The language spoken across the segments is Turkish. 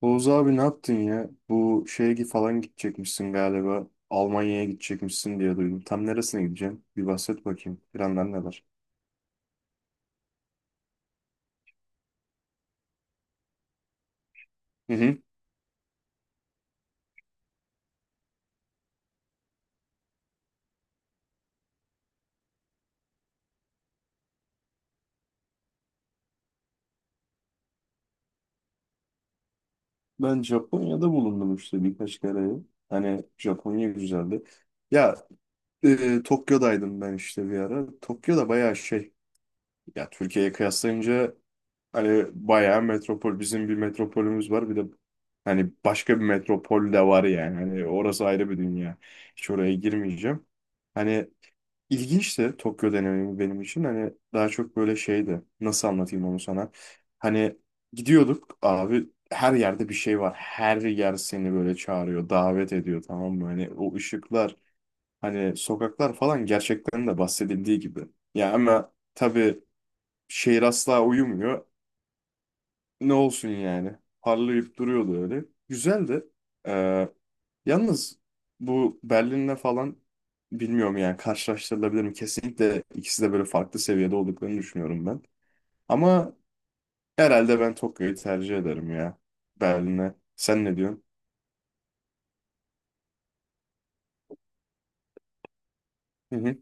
Oğuz abi ne yaptın ya? Bu şeye gi- falan gidecekmişsin galiba. Almanya'ya gidecekmişsin diye duydum. Tam neresine gideceksin? Bir bahset bakayım. Planlar neler? Hı hı. Ben Japonya'da bulundum işte birkaç kere. Hani Japonya güzeldi. Ya Tokyo'daydım ben işte bir ara. Tokyo'da bayağı şey. Ya Türkiye'ye kıyaslayınca hani bayağı metropol. Bizim bir metropolümüz var. Bir de hani başka bir metropol de var yani. Hani orası ayrı bir dünya. Hiç oraya girmeyeceğim. Hani İlginçti Tokyo deneyimi benim için. Hani daha çok böyle şeydi. Nasıl anlatayım onu sana? Hani gidiyorduk abi, her yerde bir şey var. Her yer seni böyle çağırıyor, davet ediyor, tamam mı? Hani o ışıklar, hani sokaklar falan gerçekten de bahsedildiği gibi. Ya ama tabii şehir asla uyumuyor. Ne olsun yani? Parlayıp duruyordu öyle. Güzeldi. Ee, Yalnız bu Berlin'le falan bilmiyorum yani, karşılaştırılabilir mi? Kesinlikle ikisi de böyle farklı seviyede olduklarını düşünüyorum ben. Ama herhalde ben Tokyo'yu tercih ederim ya Berlin'e. Sen ne diyorsun? Hı hı.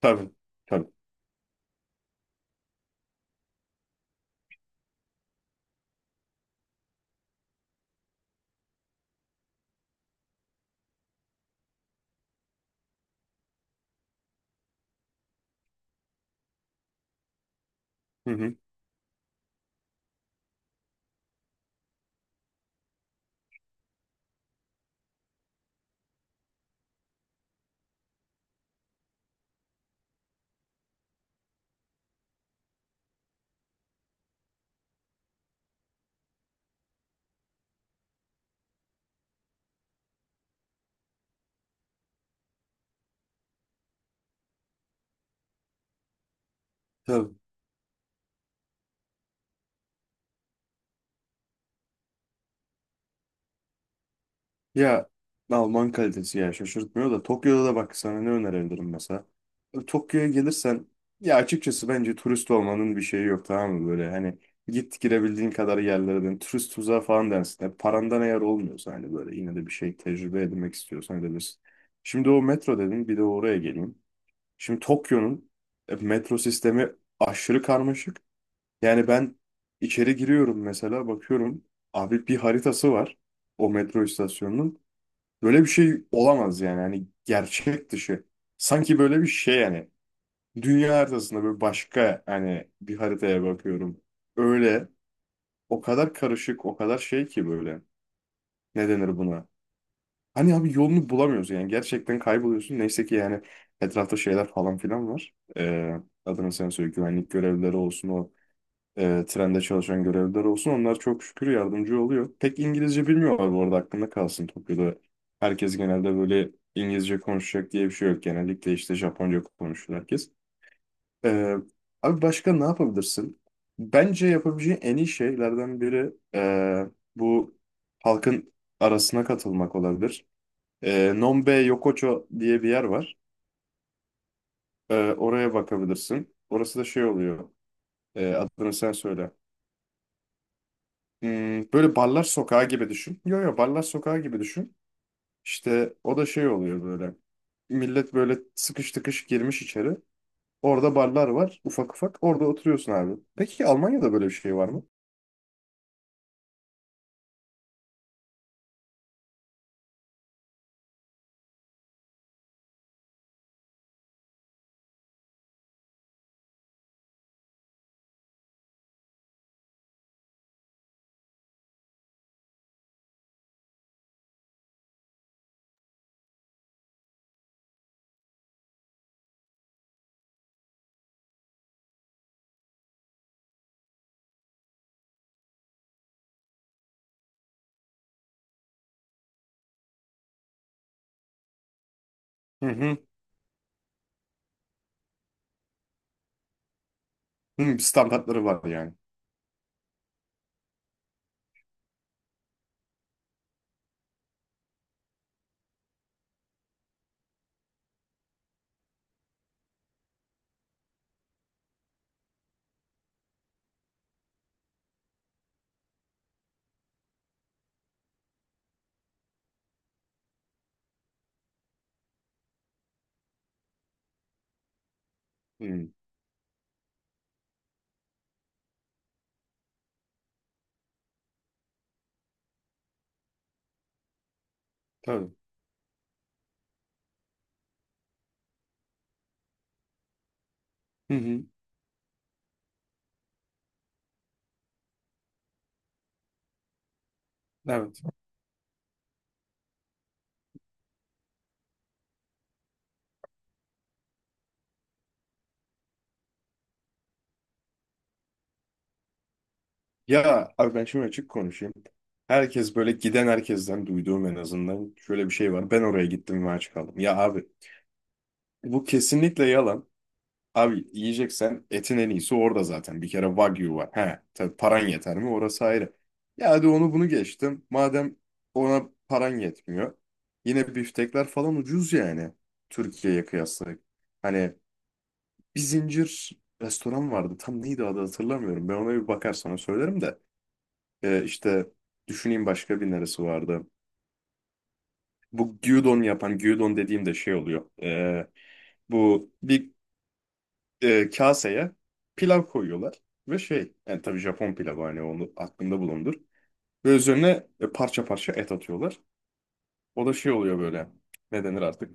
Tabii. Tabii. Hı hı. Tabii. Ya Alman kalitesi ya şaşırtmıyor da, Tokyo'da da bak sana ne önerebilirim mesela. Tokyo'ya gelirsen ya açıkçası bence turist olmanın bir şeyi yok, tamam mı, böyle hani git girebildiğin kadar yerlere, dön turist tuzağı falan dersin. Yani parandan eğer olmuyorsa hani böyle, yine de bir şey tecrübe edinmek istiyorsan edebilirsin. Şimdi o metro dedin, bir de oraya geleyim. Şimdi Tokyo'nun metro sistemi aşırı karmaşık. Yani ben içeri giriyorum mesela, bakıyorum abi bir haritası var o metro istasyonunun. Böyle bir şey olamaz yani. Hani gerçek dışı. Sanki böyle bir şey yani. Dünya haritasında böyle başka hani bir haritaya bakıyorum. Öyle o kadar karışık, o kadar şey ki böyle. Ne denir buna? Hani abi yolunu bulamıyoruz yani. Gerçekten kayboluyorsun. Neyse ki yani etrafta şeyler falan filan var. Adını sen söyle, güvenlik görevlileri olsun, trende çalışan görevliler olsun. Onlar çok şükür yardımcı oluyor. Pek İngilizce bilmiyorlar bu arada, aklında kalsın, Tokyo'da. Herkes genelde böyle İngilizce konuşacak diye bir şey yok. Genellikle işte Japonca konuşuyor herkes. E, abi başka ne yapabilirsin? Bence yapabileceğin en iyi şeylerden biri bu halkın arasına katılmak olabilir. E, Nonbe Yokocho diye bir yer var. E, oraya bakabilirsin. Orası da şey oluyor. E, adını sen söyle. Hmm, böyle barlar sokağı gibi düşün. Yo yo, barlar sokağı gibi düşün. İşte o da şey oluyor böyle. Millet böyle sıkış tıkış girmiş içeri. Orada barlar var ufak ufak. Orada oturuyorsun abi. Peki Almanya'da böyle bir şey var mı? Hı hı. Hı, standartları var yani. Hı, tabii. Hı hı. Evet. Ya abi ben şimdi açık konuşayım. Herkes böyle, giden herkesten duyduğum en azından şöyle bir şey var: ben oraya gittim ve aç kaldım. Ya abi bu kesinlikle yalan. Abi yiyeceksen etin en iyisi orada zaten. Bir kere Wagyu var. He, tabii paran yeter mi? Orası ayrı. Ya hadi onu bunu geçtim. Madem ona paran yetmiyor. Yine biftekler falan ucuz yani. Türkiye'ye kıyasla. Hani bir zincir restoran vardı. Tam neydi adı hatırlamıyorum. Ben ona bir bakar sana söylerim de. İşte düşüneyim başka bir neresi vardı. Bu gyudon yapan, gyudon dediğim de şey oluyor. Bu bir kaseye pilav koyuyorlar ve şey yani, tabii Japon pilavı, hani onu aklında bulundur. Ve üzerine parça parça et atıyorlar. O da şey oluyor böyle, ne denir artık.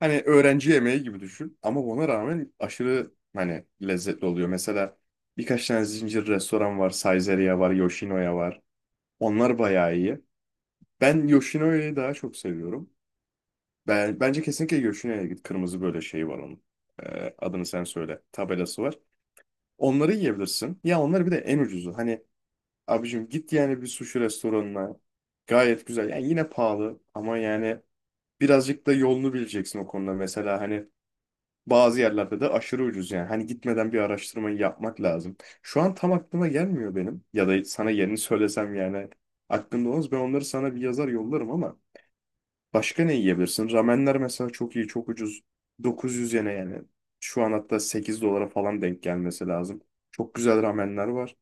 Hani öğrenci yemeği gibi düşün ama ona rağmen aşırı hani lezzetli oluyor. Mesela birkaç tane zincir restoran var. Saizeria var, Yoshinoya var. Onlar bayağı iyi. Ben Yoshinoya'yı daha çok seviyorum. Bence kesinlikle Yoshinoya'ya git. Kırmızı böyle şey var onun. E, adını sen söyle. Tabelası var. Onları yiyebilirsin. Ya onları bir de en ucuzu. Hani abicim git yani bir sushi restoranına. Gayet güzel. Yani yine pahalı ama yani birazcık da yolunu bileceksin o konuda. Mesela hani bazı yerlerde de aşırı ucuz yani. Hani gitmeden bir araştırmayı yapmak lazım. Şu an tam aklıma gelmiyor benim. Ya da sana yerini söylesem yani aklımda olmaz. Ben onları sana bir yazar yollarım ama başka ne yiyebilirsin? Ramenler mesela çok iyi, çok ucuz. 900 yene yani. Şu an hatta 8 dolara falan denk gelmesi lazım. Çok güzel ramenler var.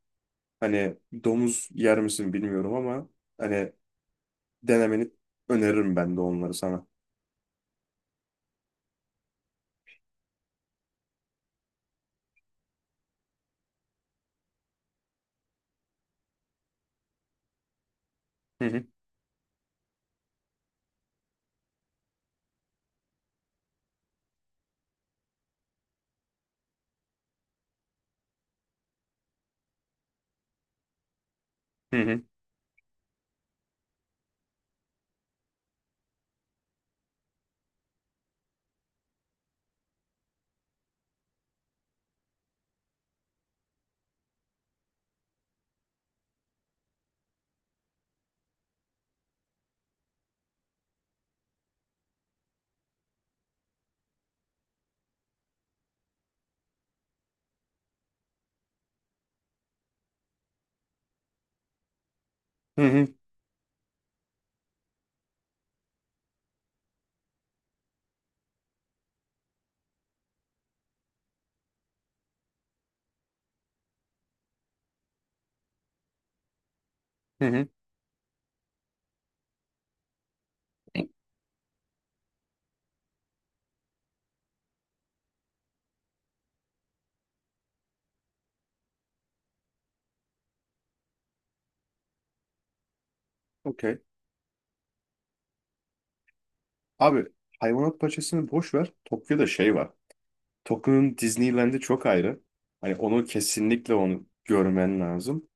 Hani domuz yer misin bilmiyorum ama hani denemeni öneririm ben de onları sana. Hı hı hı hı hı hı. Hı hı. Okey. Abi hayvanat bahçesini boş ver. Tokyo'da şey var. Tokyo'nun Disneyland'i çok ayrı. Hani onu kesinlikle, onu görmen lazım.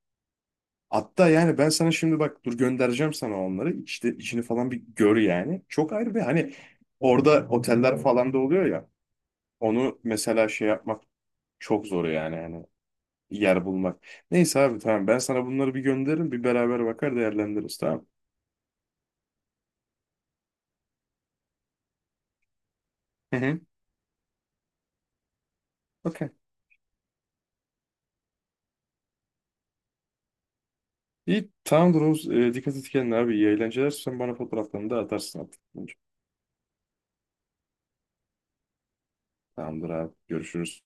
Hatta yani ben sana şimdi bak dur göndereceğim sana onları. İşte içini falan bir gör yani. Çok ayrı ve hani orada oteller falan da oluyor ya. Onu mesela şey yapmak çok zor yani, hani yer bulmak. Neyse abi tamam, ben sana bunları bir gönderirim, bir beraber bakar değerlendiririz, tamam. Hı hı. Okey. İyi, tamamdır Oğuz. Dikkat et kendine abi. İyi eğlenceler. Sen bana fotoğraflarını da atarsın artık. Tamamdır abi. Görüşürüz.